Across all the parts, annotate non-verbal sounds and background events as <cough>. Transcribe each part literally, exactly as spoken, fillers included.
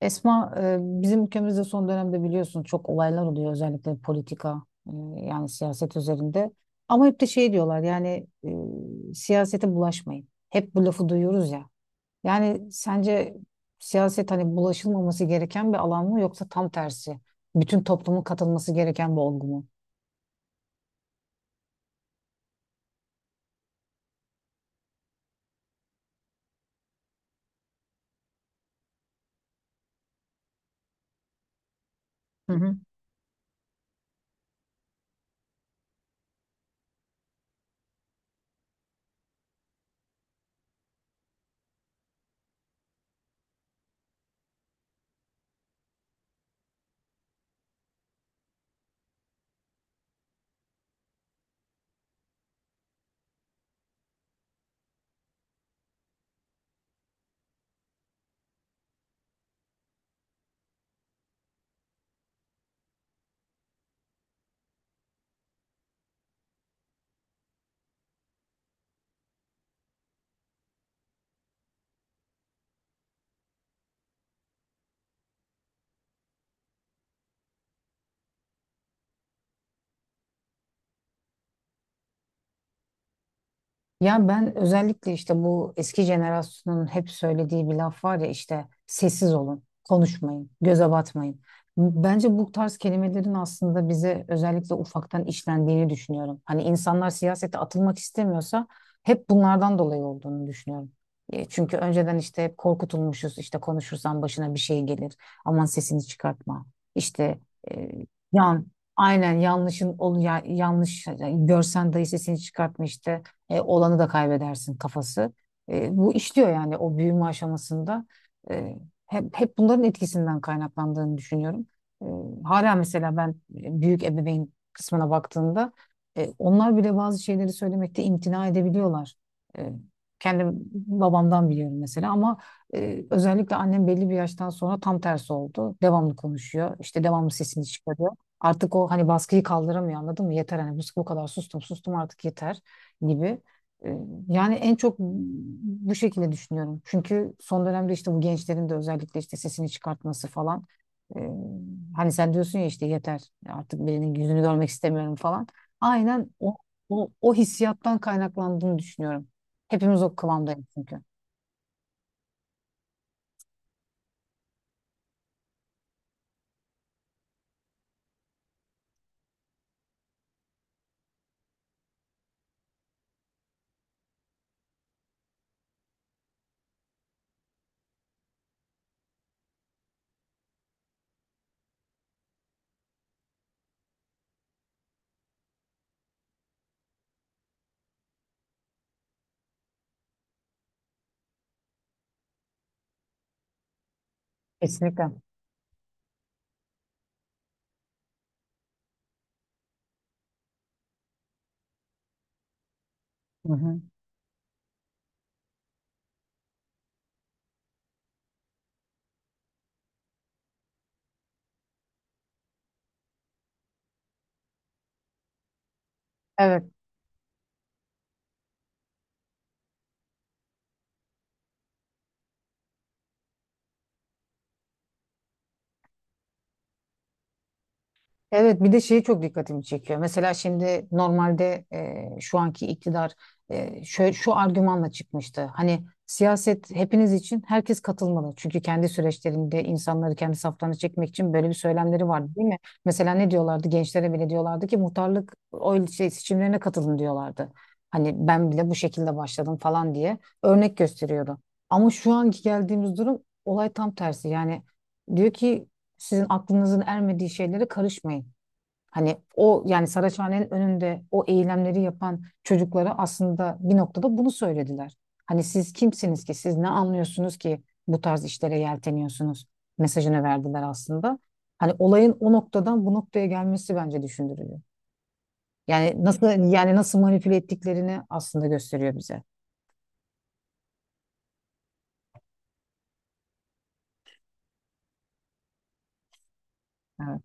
Esma, e, bizim ülkemizde son dönemde biliyorsun çok olaylar oluyor, özellikle politika e, yani siyaset üzerinde. Ama hep de şey diyorlar yani e, siyasete bulaşmayın. Hep bu lafı duyuyoruz ya. Yani sence siyaset hani bulaşılmaması gereken bir alan mı, yoksa tam tersi bütün toplumun katılması gereken bir olgu mu? Ya ben özellikle işte bu eski jenerasyonun hep söylediği bir laf var ya, işte sessiz olun, konuşmayın, göze batmayın. Bence bu tarz kelimelerin aslında bize özellikle ufaktan işlendiğini düşünüyorum. Hani insanlar siyasete atılmak istemiyorsa hep bunlardan dolayı olduğunu düşünüyorum. E, Çünkü önceden işte hep korkutulmuşuz, işte konuşursan başına bir şey gelir. Aman sesini çıkartma. İşte, e, yan aynen yanlışın ol ya- yanlış görsen dahi sesini çıkartma, işte e, olanı da kaybedersin kafası. E, bu işliyor yani, o büyüme aşamasında. E, hep, hep bunların etkisinden kaynaklandığını düşünüyorum. E, Hala mesela ben, e, büyük ebeveyn kısmına baktığımda, e, onlar bile bazı şeyleri söylemekte imtina edebiliyorlar. E, Kendim babamdan biliyorum mesela, ama e, özellikle annem belli bir yaştan sonra tam tersi oldu. Devamlı konuşuyor. İşte devamlı sesini çıkarıyor. Artık o hani baskıyı kaldıramıyor, anladın mı? Yeter hani, bu, bu kadar sustum sustum artık yeter gibi. Ee, Yani en çok bu şekilde düşünüyorum. Çünkü son dönemde işte bu gençlerin de özellikle işte sesini çıkartması falan. Ee, Hani sen diyorsun ya, işte yeter artık birinin yüzünü görmek istemiyorum falan. Aynen o, o, o hissiyattan kaynaklandığını düşünüyorum. Hepimiz o kıvamdayız çünkü. Kesinlikle. Hı hı. Evet. Evet, bir de şeyi çok dikkatimi çekiyor. Mesela şimdi normalde, e, şu anki iktidar, e, şöyle, şu argümanla çıkmıştı. Hani siyaset hepiniz için, herkes katılmalı. Çünkü kendi süreçlerinde insanları kendi saflarına çekmek için böyle bir söylemleri vardı, değil mi? Mesela ne diyorlardı? Gençlere bile diyorlardı ki muhtarlık oy şey, seçimlerine katılın diyorlardı. Hani ben bile bu şekilde başladım falan diye örnek gösteriyordu. Ama şu anki geldiğimiz durum olay tam tersi. Yani diyor ki sizin aklınızın ermediği şeylere karışmayın. Hani o yani Saraçhane'nin önünde o eylemleri yapan çocuklara aslında bir noktada bunu söylediler. Hani siz kimsiniz ki, siz ne anlıyorsunuz ki bu tarz işlere yelteniyorsunuz mesajını verdiler aslında. Hani olayın o noktadan bu noktaya gelmesi bence düşündürücü. Yani nasıl, yani nasıl manipüle ettiklerini aslında gösteriyor bize. Evet.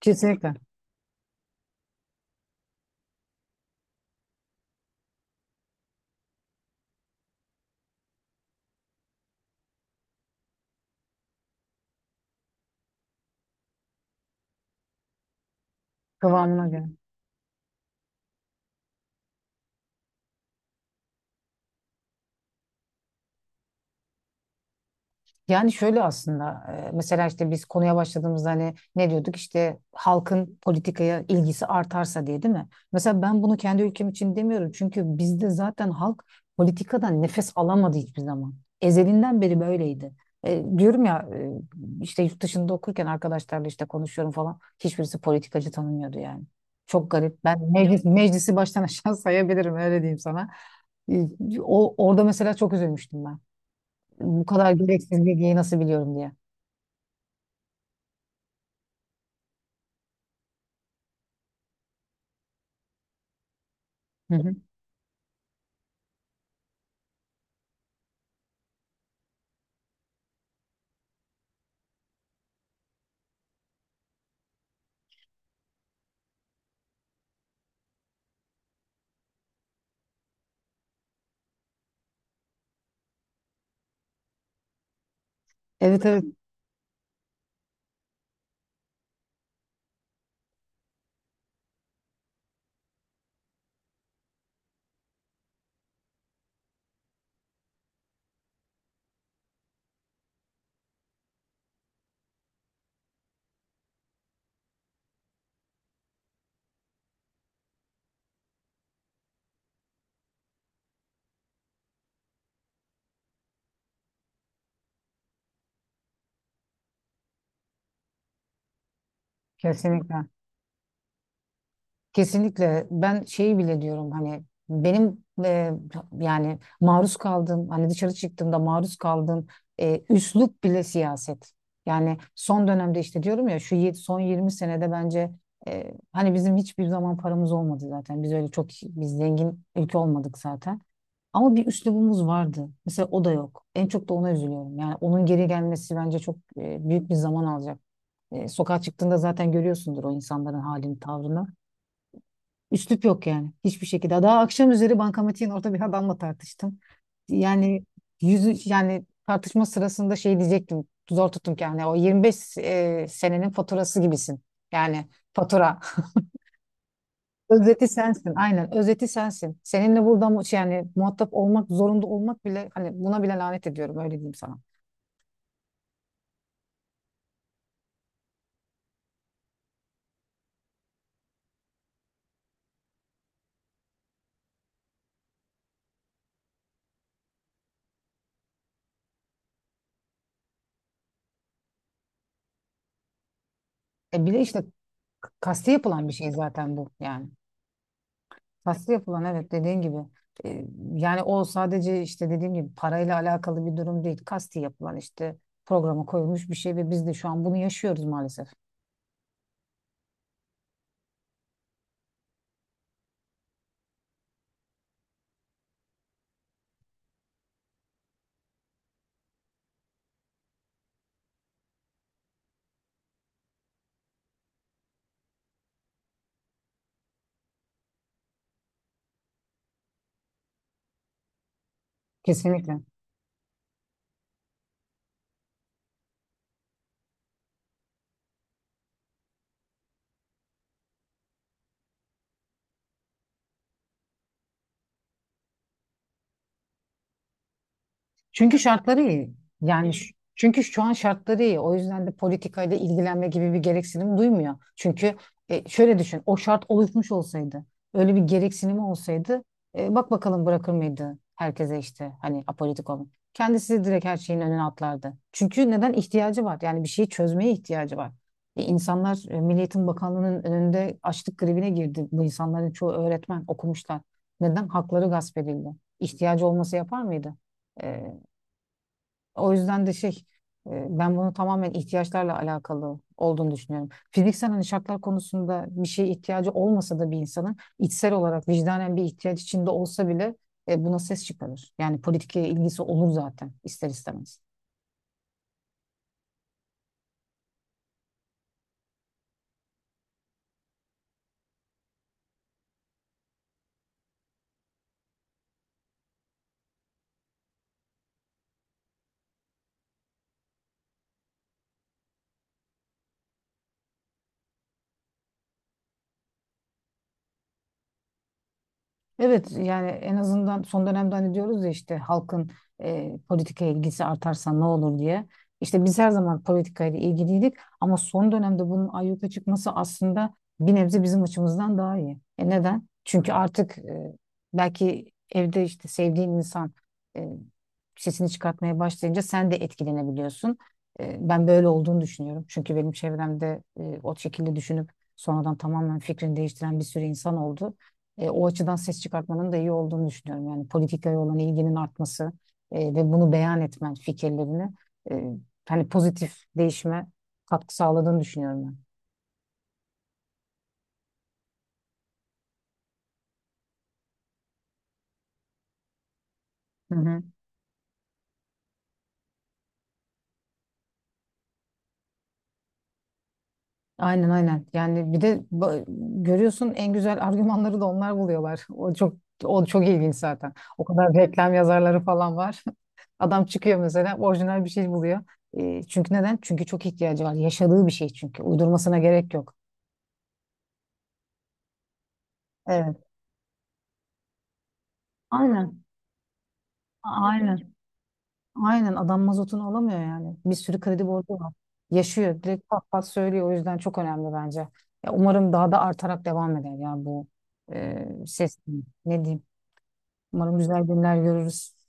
Kesinlikle. Kıvamına göre. Yani şöyle aslında, e, mesela işte biz konuya başladığımızda hani ne diyorduk, işte halkın politikaya ilgisi artarsa diye, değil mi? Mesela ben bunu kendi ülkem için demiyorum, çünkü bizde zaten halk politikadan nefes alamadı hiçbir zaman. Ezelinden beri böyleydi. E, diyorum ya, e, işte yurt dışında okurken arkadaşlarla işte konuşuyorum falan, hiçbirisi politikacı tanımıyordu yani. Çok garip. Ben meclis, meclisi baştan <laughs> aşağı sayabilirim, öyle diyeyim sana. E, O, orada mesela çok üzülmüştüm ben, bu kadar gereksiz bilgiyi nasıl biliyorum diye. Hı hı. Evet, evet, kesinlikle. Kesinlikle, ben şeyi bile diyorum, hani benim, e, yani maruz kaldığım, hani dışarı çıktığımda maruz kaldığım e, üslup bile siyaset. Yani son dönemde, işte diyorum ya, şu yet- son yirmi senede bence, e, hani bizim hiçbir zaman paramız olmadı zaten. Biz öyle çok biz zengin ülke olmadık zaten. Ama bir üslubumuz vardı. Mesela o da yok. En çok da ona üzülüyorum. Yani onun geri gelmesi bence çok e, büyük bir zaman alacak. E, sokağa çıktığında zaten görüyorsundur o insanların halini, tavrını. Üslup yok yani, hiçbir şekilde. Daha akşam üzeri bankamatiğin orada bir adamla tartıştım. Yani yüzü, yani tartışma sırasında şey diyecektim. Zor tuttum ki, yani o yirmi beş e, senenin faturası gibisin. Yani, fatura. <laughs> Özeti sensin. Aynen, özeti sensin. Seninle burada mu- şey yani muhatap olmak zorunda olmak bile, hani buna bile lanet ediyorum, öyle diyeyim sana. E bir de işte, k- kasti yapılan bir şey zaten bu yani. Kaslı yapılan, evet, dediğin gibi. E, Yani o sadece işte dediğim gibi parayla alakalı bir durum değil. Kasti yapılan, işte programa koyulmuş bir şey ve biz de şu an bunu yaşıyoruz maalesef. Kesinlikle. Çünkü şartları iyi. Yani, ş- çünkü şu an şartları iyi. O yüzden de politikayla ilgilenme gibi bir gereksinim duymuyor. Çünkü e, şöyle düşün, o şart oluşmuş olsaydı, öyle bir gereksinimi olsaydı, e, bak bakalım, bırakır mıydı herkese işte hani apolitik olun. Kendisi direkt her şeyin önüne atlardı. Çünkü neden ihtiyacı var? Yani bir şeyi çözmeye ihtiyacı var. E, insanlar e, Milli Eğitim Bakanlığı'nın önünde açlık grevine girdi. Bu insanların çoğu öğretmen, okumuşlar. Neden? Hakları gasp edildi. İhtiyacı olması yapar mıydı? E, O yüzden de şey, e, ben bunu tamamen ihtiyaçlarla alakalı olduğunu düşünüyorum. Fiziksel hani şartlar konusunda bir şeye ihtiyacı olmasa da, bir insanın içsel olarak vicdanen bir ihtiyaç içinde olsa bile, e, buna ses çıkarır. Yani politikaya ilgisi olur zaten, ister istemez. Evet, yani en azından son dönemde hani diyoruz ya, işte halkın e, politikaya ilgisi artarsa ne olur diye. İşte biz her zaman politikayla ilgiliydik, ama son dönemde bunun ayyuka çıkması aslında bir nebze bizim açımızdan daha iyi. E neden? Çünkü artık, e, belki evde işte sevdiğin insan e, sesini çıkartmaya başlayınca sen de etkilenebiliyorsun. E, ben böyle olduğunu düşünüyorum. Çünkü benim çevremde, e, o şekilde düşünüp sonradan tamamen fikrini değiştiren bir sürü insan oldu. E, o açıdan ses çıkartmanın da iyi olduğunu düşünüyorum. Yani politikaya olan ilginin artması e, ve bunu beyan etmen, fikirlerini, e, hani pozitif değişime katkı sağladığını düşünüyorum ben. Hı hı. Aynen, aynen. Yani bir de ba- görüyorsun en güzel argümanları da onlar buluyorlar. <laughs> O çok o çok ilginç zaten. O kadar reklam yazarları falan var. <laughs> Adam çıkıyor mesela, orijinal bir şey buluyor. E, çünkü neden? Çünkü çok ihtiyacı var. Yaşadığı bir şey çünkü. Uydurmasına gerek yok. Evet. Aynen. Aynen. Aynen, adam mazotunu alamıyor yani. Bir sürü kredi borcu var. Yaşıyor. Direkt pat pat söylüyor. O yüzden çok önemli bence. Ya umarım daha da artarak devam eder ya bu e, ses. Ne diyeyim? Umarım güzel günler görürüz.